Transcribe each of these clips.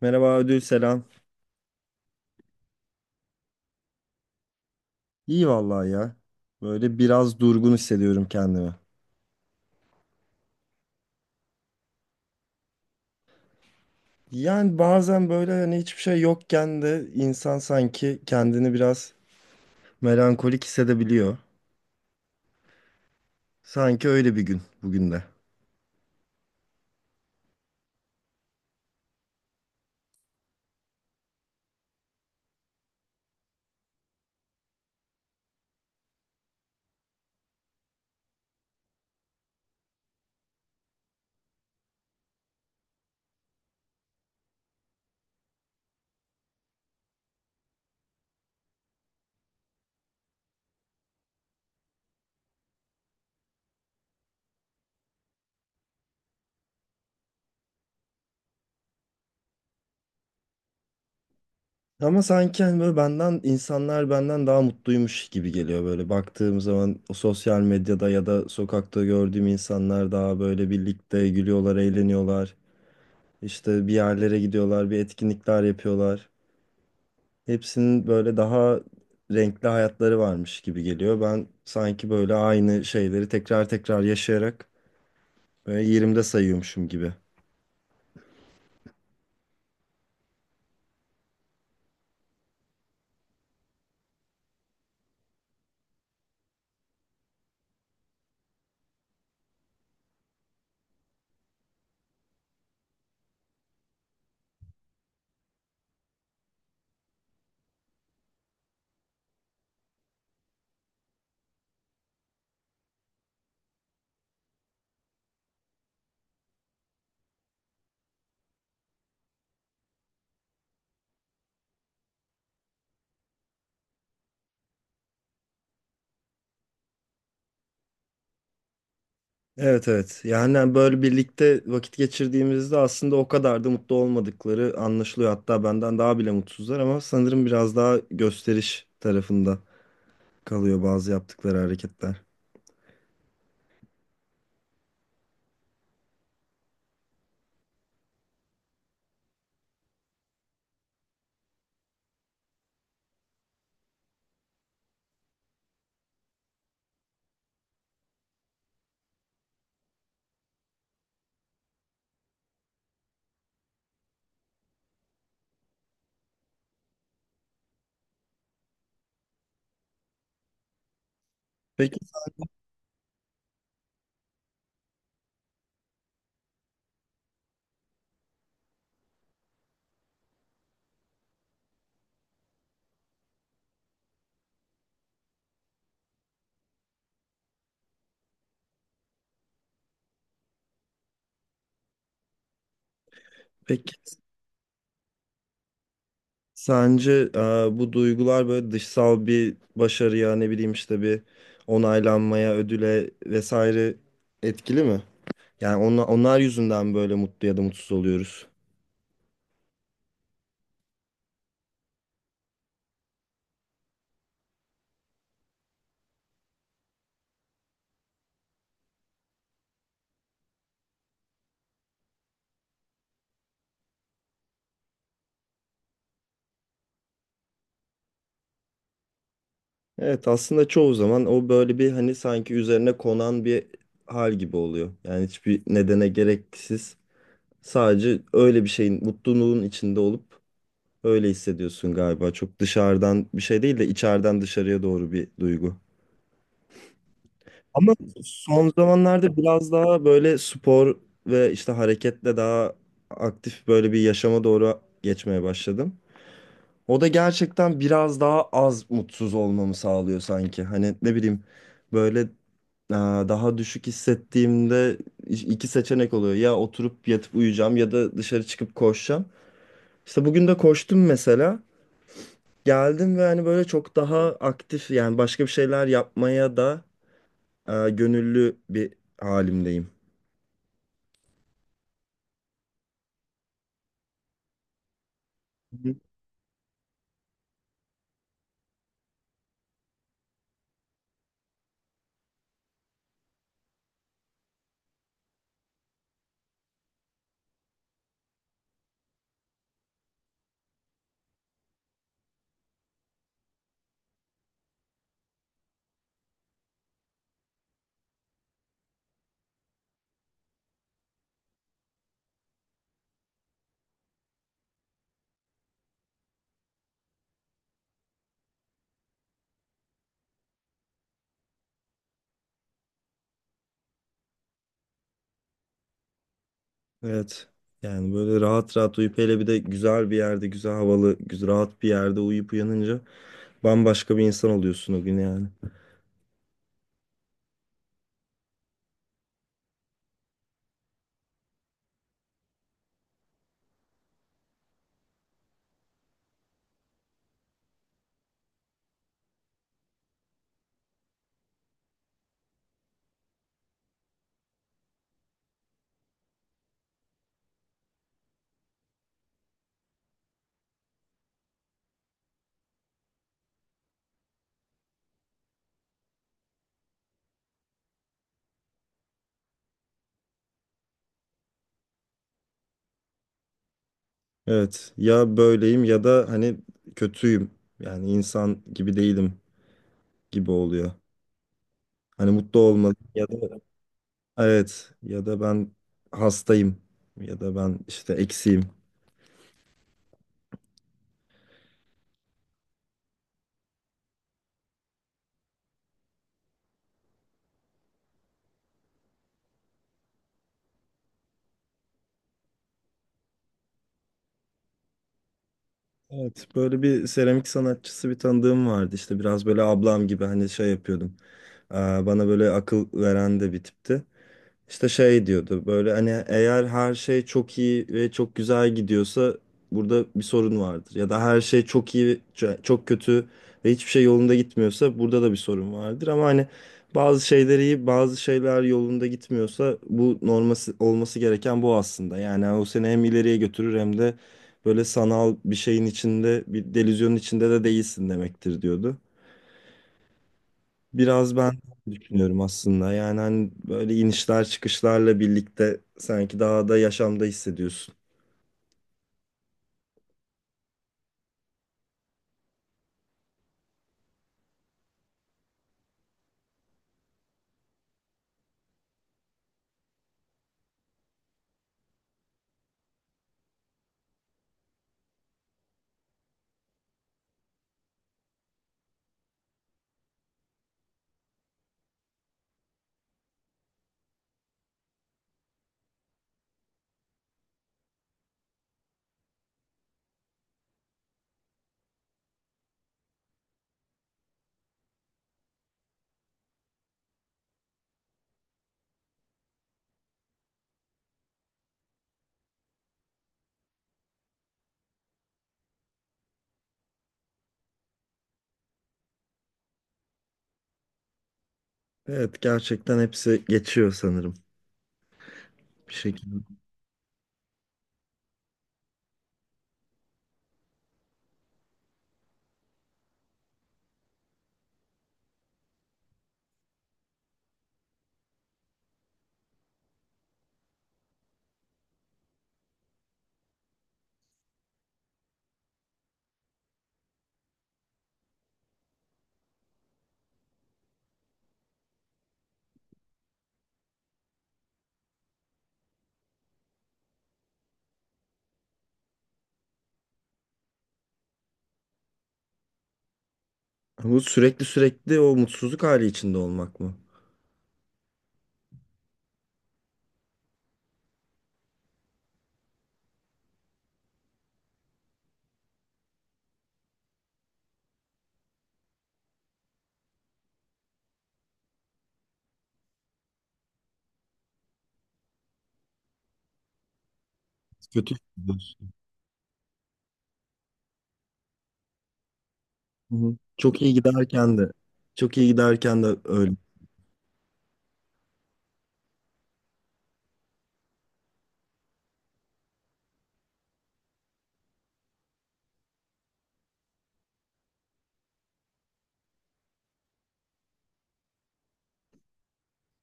Merhaba ödül selam. İyi vallahi ya. Böyle biraz durgun hissediyorum kendimi. Yani bazen böyle hani hiçbir şey yokken de insan sanki kendini biraz melankolik hissedebiliyor. Sanki öyle bir gün bugün de. Ama sanki hani böyle insanlar benden daha mutluymuş gibi geliyor böyle baktığım zaman o sosyal medyada ya da sokakta gördüğüm insanlar daha böyle birlikte gülüyorlar, eğleniyorlar. İşte bir yerlere gidiyorlar, bir etkinlikler yapıyorlar. Hepsinin böyle daha renkli hayatları varmış gibi geliyor. Ben sanki böyle aynı şeyleri tekrar tekrar yaşayarak böyle yerimde sayıyormuşum gibi. Evet, evet. Yani böyle birlikte vakit geçirdiğimizde aslında o kadar da mutlu olmadıkları anlaşılıyor. Hatta benden daha bile mutsuzlar ama sanırım biraz daha gösteriş tarafında kalıyor bazı yaptıkları hareketler. Peki, peki. Sence bu duygular böyle dışsal bir başarıya ne bileyim işte bir onaylanmaya, ödüle vesaire etkili mi? Yani onlar yüzünden böyle mutlu ya da mutsuz oluyoruz. Evet, aslında çoğu zaman o böyle bir hani sanki üzerine konan bir hal gibi oluyor. Yani hiçbir nedene gereksiz sadece öyle bir şeyin mutluluğun içinde olup öyle hissediyorsun galiba. Çok dışarıdan bir şey değil de içeriden dışarıya doğru bir duygu. Ama son zamanlarda biraz daha böyle spor ve işte hareketle daha aktif böyle bir yaşama doğru geçmeye başladım. O da gerçekten biraz daha az mutsuz olmamı sağlıyor sanki. Hani ne bileyim böyle daha düşük hissettiğimde iki seçenek oluyor. Ya oturup yatıp uyuyacağım ya da dışarı çıkıp koşacağım. İşte bugün de koştum mesela. Geldim ve hani böyle çok daha aktif, yani başka bir şeyler yapmaya da gönüllü bir halimdeyim. Evet. Yani böyle rahat rahat uyup hele bir de güzel bir yerde, güzel havalı, güzel rahat bir yerde uyuyup uyanınca bambaşka bir insan oluyorsun o gün yani. Evet. Ya böyleyim ya da hani kötüyüm. Yani insan gibi değilim gibi oluyor. Hani mutlu olmalı ya da evet, ya da ben hastayım ya da ben işte eksiğim. Evet, böyle bir seramik sanatçısı bir tanıdığım vardı, işte biraz böyle ablam gibi hani şey yapıyordum. Aa, bana böyle akıl veren de bir tipti. İşte şey diyordu böyle, hani eğer her şey çok iyi ve çok güzel gidiyorsa burada bir sorun vardır. Ya da her şey çok iyi, çok kötü ve hiçbir şey yolunda gitmiyorsa burada da bir sorun vardır. Ama hani bazı şeyler iyi, bazı şeyler yolunda gitmiyorsa bu norması olması gereken bu aslında. Yani o seni hem ileriye götürür hem de böyle sanal bir şeyin içinde, bir delüzyonun içinde de değilsin demektir diyordu. Biraz ben düşünüyorum aslında. Yani hani böyle inişler çıkışlarla birlikte sanki daha da yaşamda hissediyorsun. Evet, gerçekten hepsi geçiyor sanırım bir şekilde. Bu sürekli sürekli o mutsuzluk hali içinde olmak mı? Kötü hissediyorsun. Hı hı. Çok iyi giderken de, çok iyi giderken de öyle.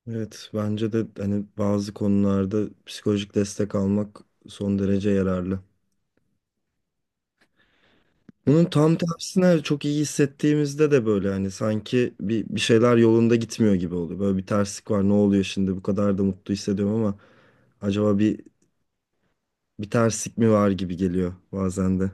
Evet, bence de hani bazı konularda psikolojik destek almak son derece yararlı. Bunun tam tersine çok iyi hissettiğimizde de böyle hani sanki bir şeyler yolunda gitmiyor gibi oluyor. Böyle bir terslik var. Ne oluyor şimdi? Bu kadar da mutlu hissediyorum ama acaba bir terslik mi var gibi geliyor bazen de.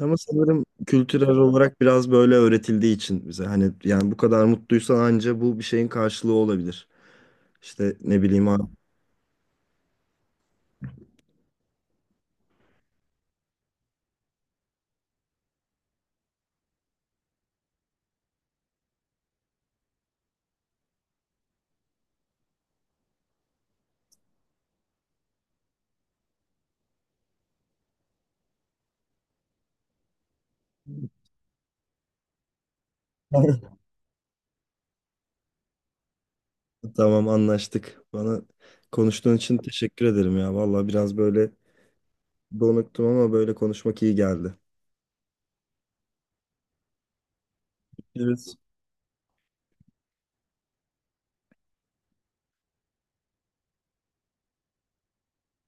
Ama sanırım kültürel olarak biraz böyle öğretildiği için bize hani, yani bu kadar mutluysan anca bu bir şeyin karşılığı olabilir. İşte ne bileyim abi. Tamam, anlaştık. Bana konuştuğun için teşekkür ederim ya. Vallahi biraz böyle donuktum ama böyle konuşmak iyi geldi. Evet.